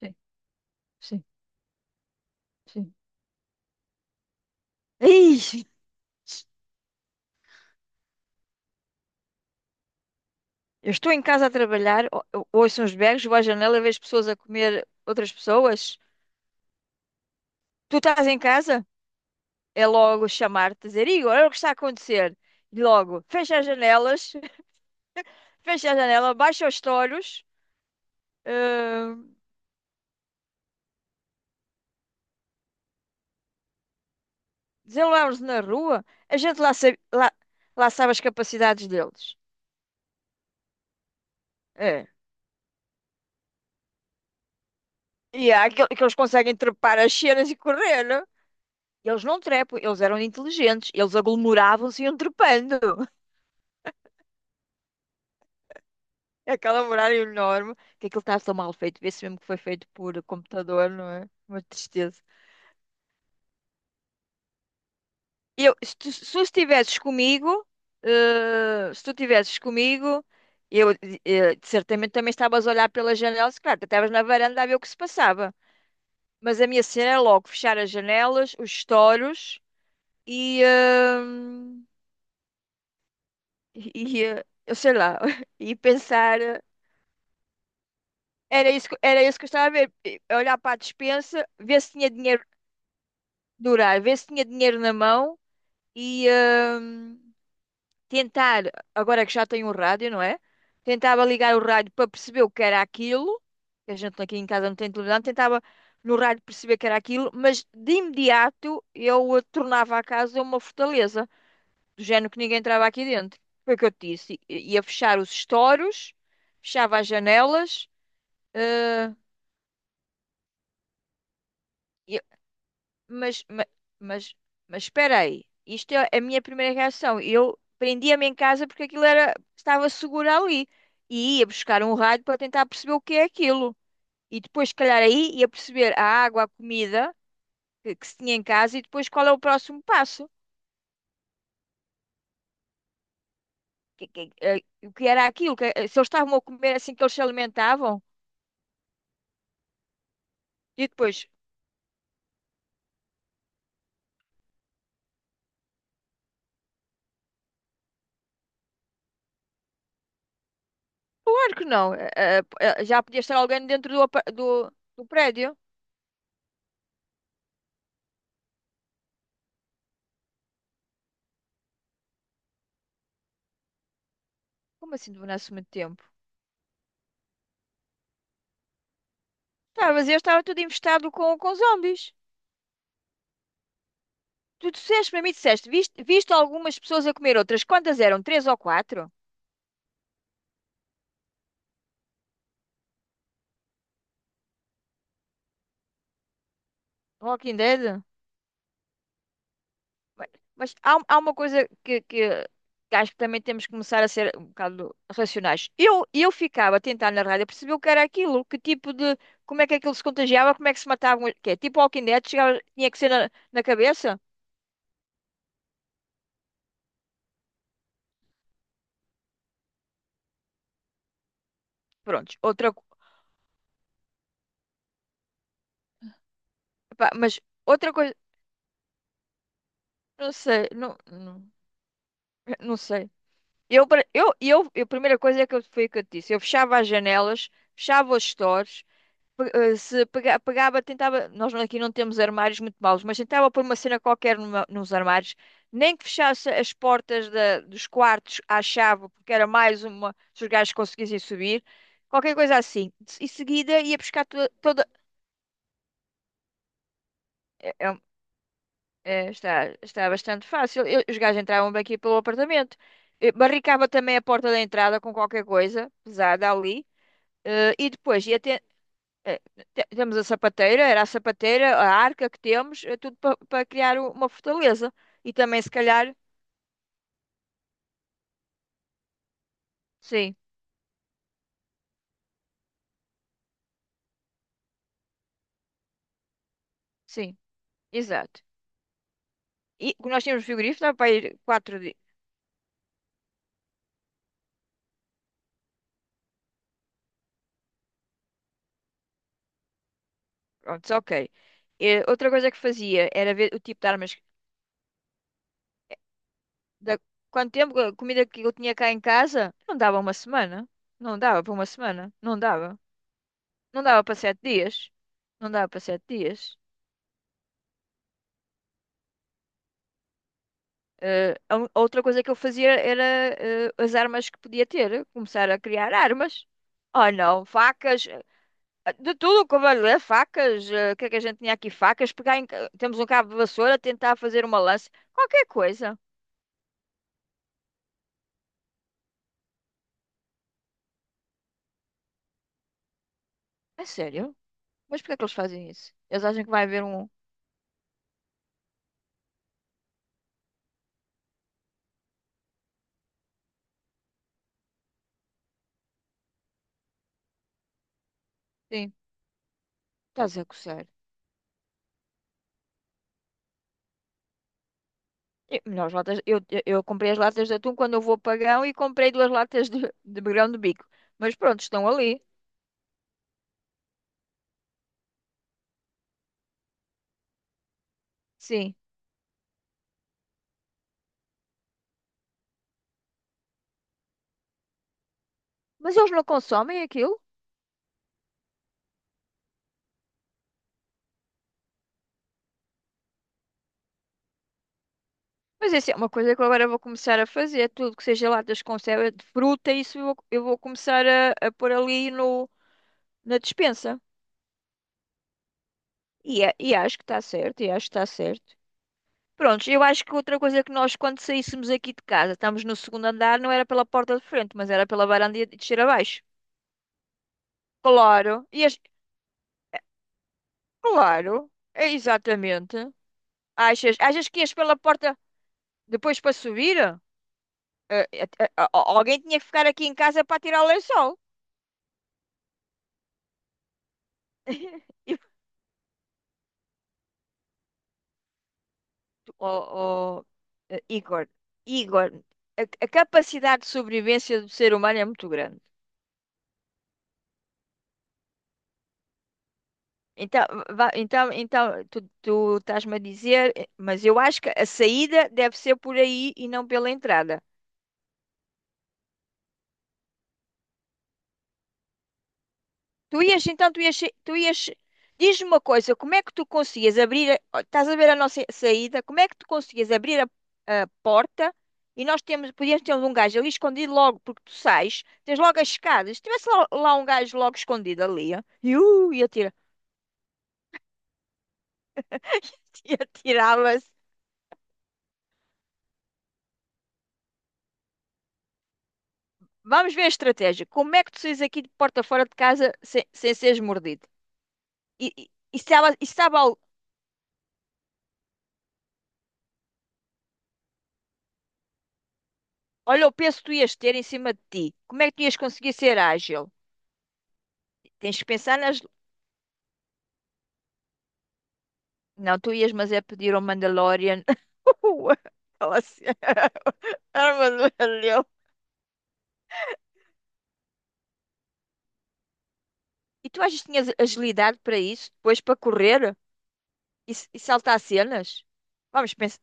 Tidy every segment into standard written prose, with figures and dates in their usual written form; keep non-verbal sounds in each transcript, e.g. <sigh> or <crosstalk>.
Sim, sim, sim. Ih, eu estou em casa a trabalhar, eu ouço uns berros, vou à janela, vejo pessoas a comer outras pessoas. Tu estás em casa? É logo chamar-te, dizer, Igor, olha o que está a acontecer. E logo, fecha as janelas, <laughs> fecha a janela, baixa os toros, uh, nos na rua. A gente lá sabe, lá, lá sabe as capacidades deles. É. E há aquele que eles conseguem trepar as cenas e correr, né? Eles não trepam, eles eram inteligentes, eles aglomeravam-se e iam trepando. <laughs> É aquela muralha enorme, que aquilo está tão mal feito, vê-se mesmo que foi feito por computador, não é? Uma tristeza. Eu, se tu estivesses comigo, eh, se tu estivesses comigo, eu, certamente também estavas a olhar pela janela, se calhar, até estavas na varanda a ver o que se passava. Mas a minha cena era logo fechar as janelas, os estouros e, eh, e eu sei lá, <laughs> e pensar. Era isso, era isso que eu estava a ver. Olhar para a despensa, ver se tinha dinheiro durar, ver se tinha dinheiro na mão e hum, tentar, agora que já tenho um rádio, não é? Tentava ligar o rádio para perceber o que era aquilo, que a gente aqui em casa não tem televisão, tentava no rádio perceber o que era aquilo, mas de imediato eu tornava a casa uma fortaleza, do género que ninguém entrava aqui dentro. Foi o que eu te disse. Ia fechar os estores, fechava as janelas, eh, Mas, ma- mas, mas espera aí. Isto é a minha primeira reação. Eu prendia-me em casa porque aquilo era, estava seguro ali. E ia buscar um rádio para tentar perceber o que é aquilo. E depois, se calhar, aí ia perceber a água, a comida que se tinha em casa e depois qual é o próximo passo. Que- que- eh, O que era aquilo? Se eles estavam a comer assim que eles se alimentavam? E depois, claro que não. Já podia estar alguém dentro do, do, do prédio. Como assim do muito tempo? Tá, mas eu estava tudo infestado com zombies. Tu disseste para mim, disseste, viste, viste algumas pessoas a comer outras? Quantas eram? Três ou quatro? Walking Dead? Mas, mas há, uma coisa que acho que também temos que começar a ser um bocado racionais. Eu ficava a tentar na rádio perceber o que era aquilo, que tipo de, como é que aquilo se contagiava, como é que se matavam, que é tipo Walking Dead, chegava, tinha que ser na, na cabeça. Prontos, outra, pá, mas outra coisa, não sei, <laughs> não sei. Eu, pra- eu- A primeira coisa é que eu, foi o que eu te disse. Eu fechava as janelas, fechava os stores, pe- eh, se pega- pegava, tentava. Nós aqui não temos armários muito maus, mas tentava pôr uma cena qualquer nos armários, nem que fechasse as portas dos quartos à chave, porque era mais uma, se os gajos conseguissem subir, qualquer coisa assim. Em seguida ia buscar toda. É- é- um, Está, está bastante fácil. Os gajos entravam bem aqui pelo apartamento. Barricava também a porta da entrada com qualquer coisa pesada ali. E depois, e até, eh, temos a sapateira, era a sapateira, a arca que temos, é tudo para criar uma fortaleza. E também, se calhar, sim, sim, exato. E o que nós tínhamos frigorífico, dava para ir quatro dias. Pronto, ok. Outra coisa que fazia era ver o tipo de armas. Da, Quanto tempo a comida que eu tinha cá em casa? Não dava uma semana. Não dava para uma semana. Não dava. Não dava para sete dias. Não dava para sete dias. A outra coisa que eu fazia era as armas que podia ter, começar a criar armas. Oh não, facas, de tudo, cavaleiro, facas, o que é que a gente tinha aqui? Facas, pegar em, temos um cabo de vassoura, tentar fazer uma lança, qualquer coisa. É sério? Mas porquê é que eles fazem isso? Eles acham que vai haver um. Sim, estás a coçar. Nós latas, eu comprei as latas de atum quando eu vou a Pagão e comprei duas latas de grão de bico. Mas pronto, estão ali. Sim. Mas eles não consomem aquilo? Mas isso é uma coisa que eu agora vou começar a fazer. É tudo que seja latas com conserva de fruta, isso eu vou começar a pôr ali no, na despensa. E acho que está certo, e acho que está certo. Pronto, eu acho que outra coisa que nós, quando saíssemos aqui de casa, estamos no segundo andar, não era pela porta de frente, mas era pela varanda e descer abaixo. Claro, ias, claro, é exatamente. Achas que ias pela porta depois para subir? Eh, eh, eh, Alguém tinha que ficar aqui em casa para tirar o lençol. <laughs> ó- ó, Igor, Igor, a capacidade de sobrevivência do ser humano é muito grande. Então, então tu, estás-me a dizer, mas eu acho que a saída deve ser por aí e não pela entrada. Tu ias, então, tu ias, Diz-me uma coisa, como é que tu conseguias abrir, estás a ver a nossa saída, como é que tu conseguias abrir a porta e nós temos, podíamos ter um gajo ali escondido logo, porque tu sais, tens logo as escadas, se tivesse lá, lá um gajo logo escondido ali, ó, e atira, <laughs> e atirava-se. Vamos ver a estratégia, como é que tu saís aqui de porta fora de casa sem, sem seres mordido? E, e, e sabe olha o peso que tu ias ter em cima de ti, como é que tu ias conseguir ser ágil? Tens que pensar nas. Não, tu ias-mas é pedir ao Mandalorian <laughs> aquela cena, a armadura dele. <laughs> E tu achas que tinhas agilidade para isso? Depois para correr e saltar cenas? Vamos pensar.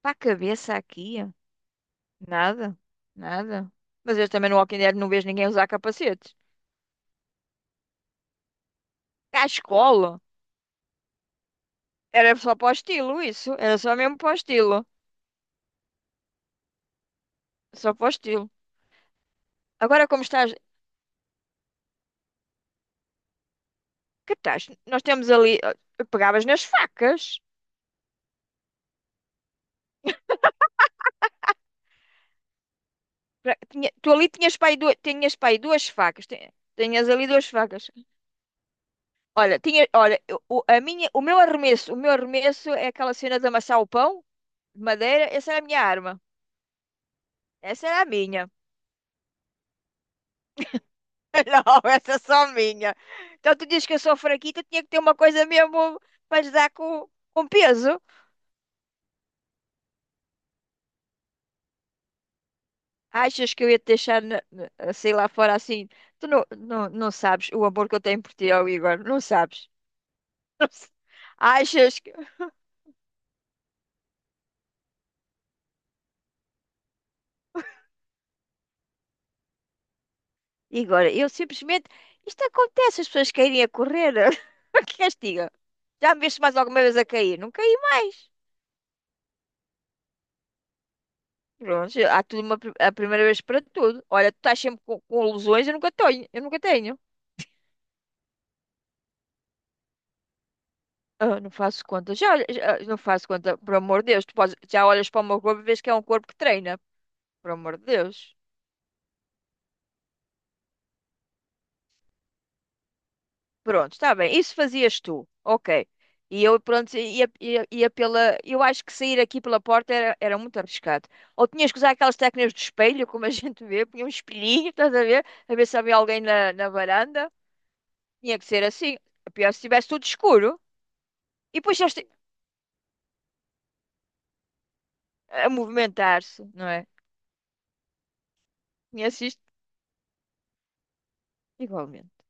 Para a cabeça aqui? Nada. Nada. Mas eu também no Walking Dead não vejo ninguém usar capacetes. Cá à escola. Era só para o estilo isso. Era só mesmo para o estilo. Só para o estilo. Agora como estás... Que estás? Nós temos ali... Pegavas nas facas. Pra- tinha- tu ali tinhas para aí duas, Tinhas para aí duas facas. Tinhas ali duas facas. Olha, tinha, olha, o meu arremesso é aquela cena de amassar o pão de madeira. Essa era a minha arma. Essa era a minha. <laughs> Não, essa é só minha. Então tu dizes que eu sou fraquita, tinha que ter uma coisa mesmo para lhes dar com peso. Achas que eu ia te deixar, sei lá fora assim? Tu não, não sabes o amor que eu tenho por ti, ó, Igor. Não sabes. <laughs> Não sa- Achas. E agora, eu simplesmente. Isto acontece, as pessoas querem a correr. <laughs> O que és. Já me viste mais alguma vez a cair? Não caí mais. Pronto, há tudo uma, a primeira vez para tudo. Olha, tu estás sempre com lesões, eu nunca tenho. Eu nunca tenho. Ah, não faço conta. Já, olha- já- ah, Não faço conta, por amor de Deus. Já olhas para o meu corpo e vês que é um corpo que treina. Por amor de Deus. Pronto, está bem. Isso fazias tu. Ok. E eu, pronto, ia pela. Eu acho que sair aqui pela porta era, era muito arriscado. Ou tinhas que usar aquelas técnicas do espelho, como a <laughs> gente vê, punha um espelhinho, estás a ver? A ver se havia alguém na, na varanda. Tinha que ser assim. Pior é se estivesse tudo escuro. E depois eles a movimentar-se, não é? Conheces isto? Igualmente.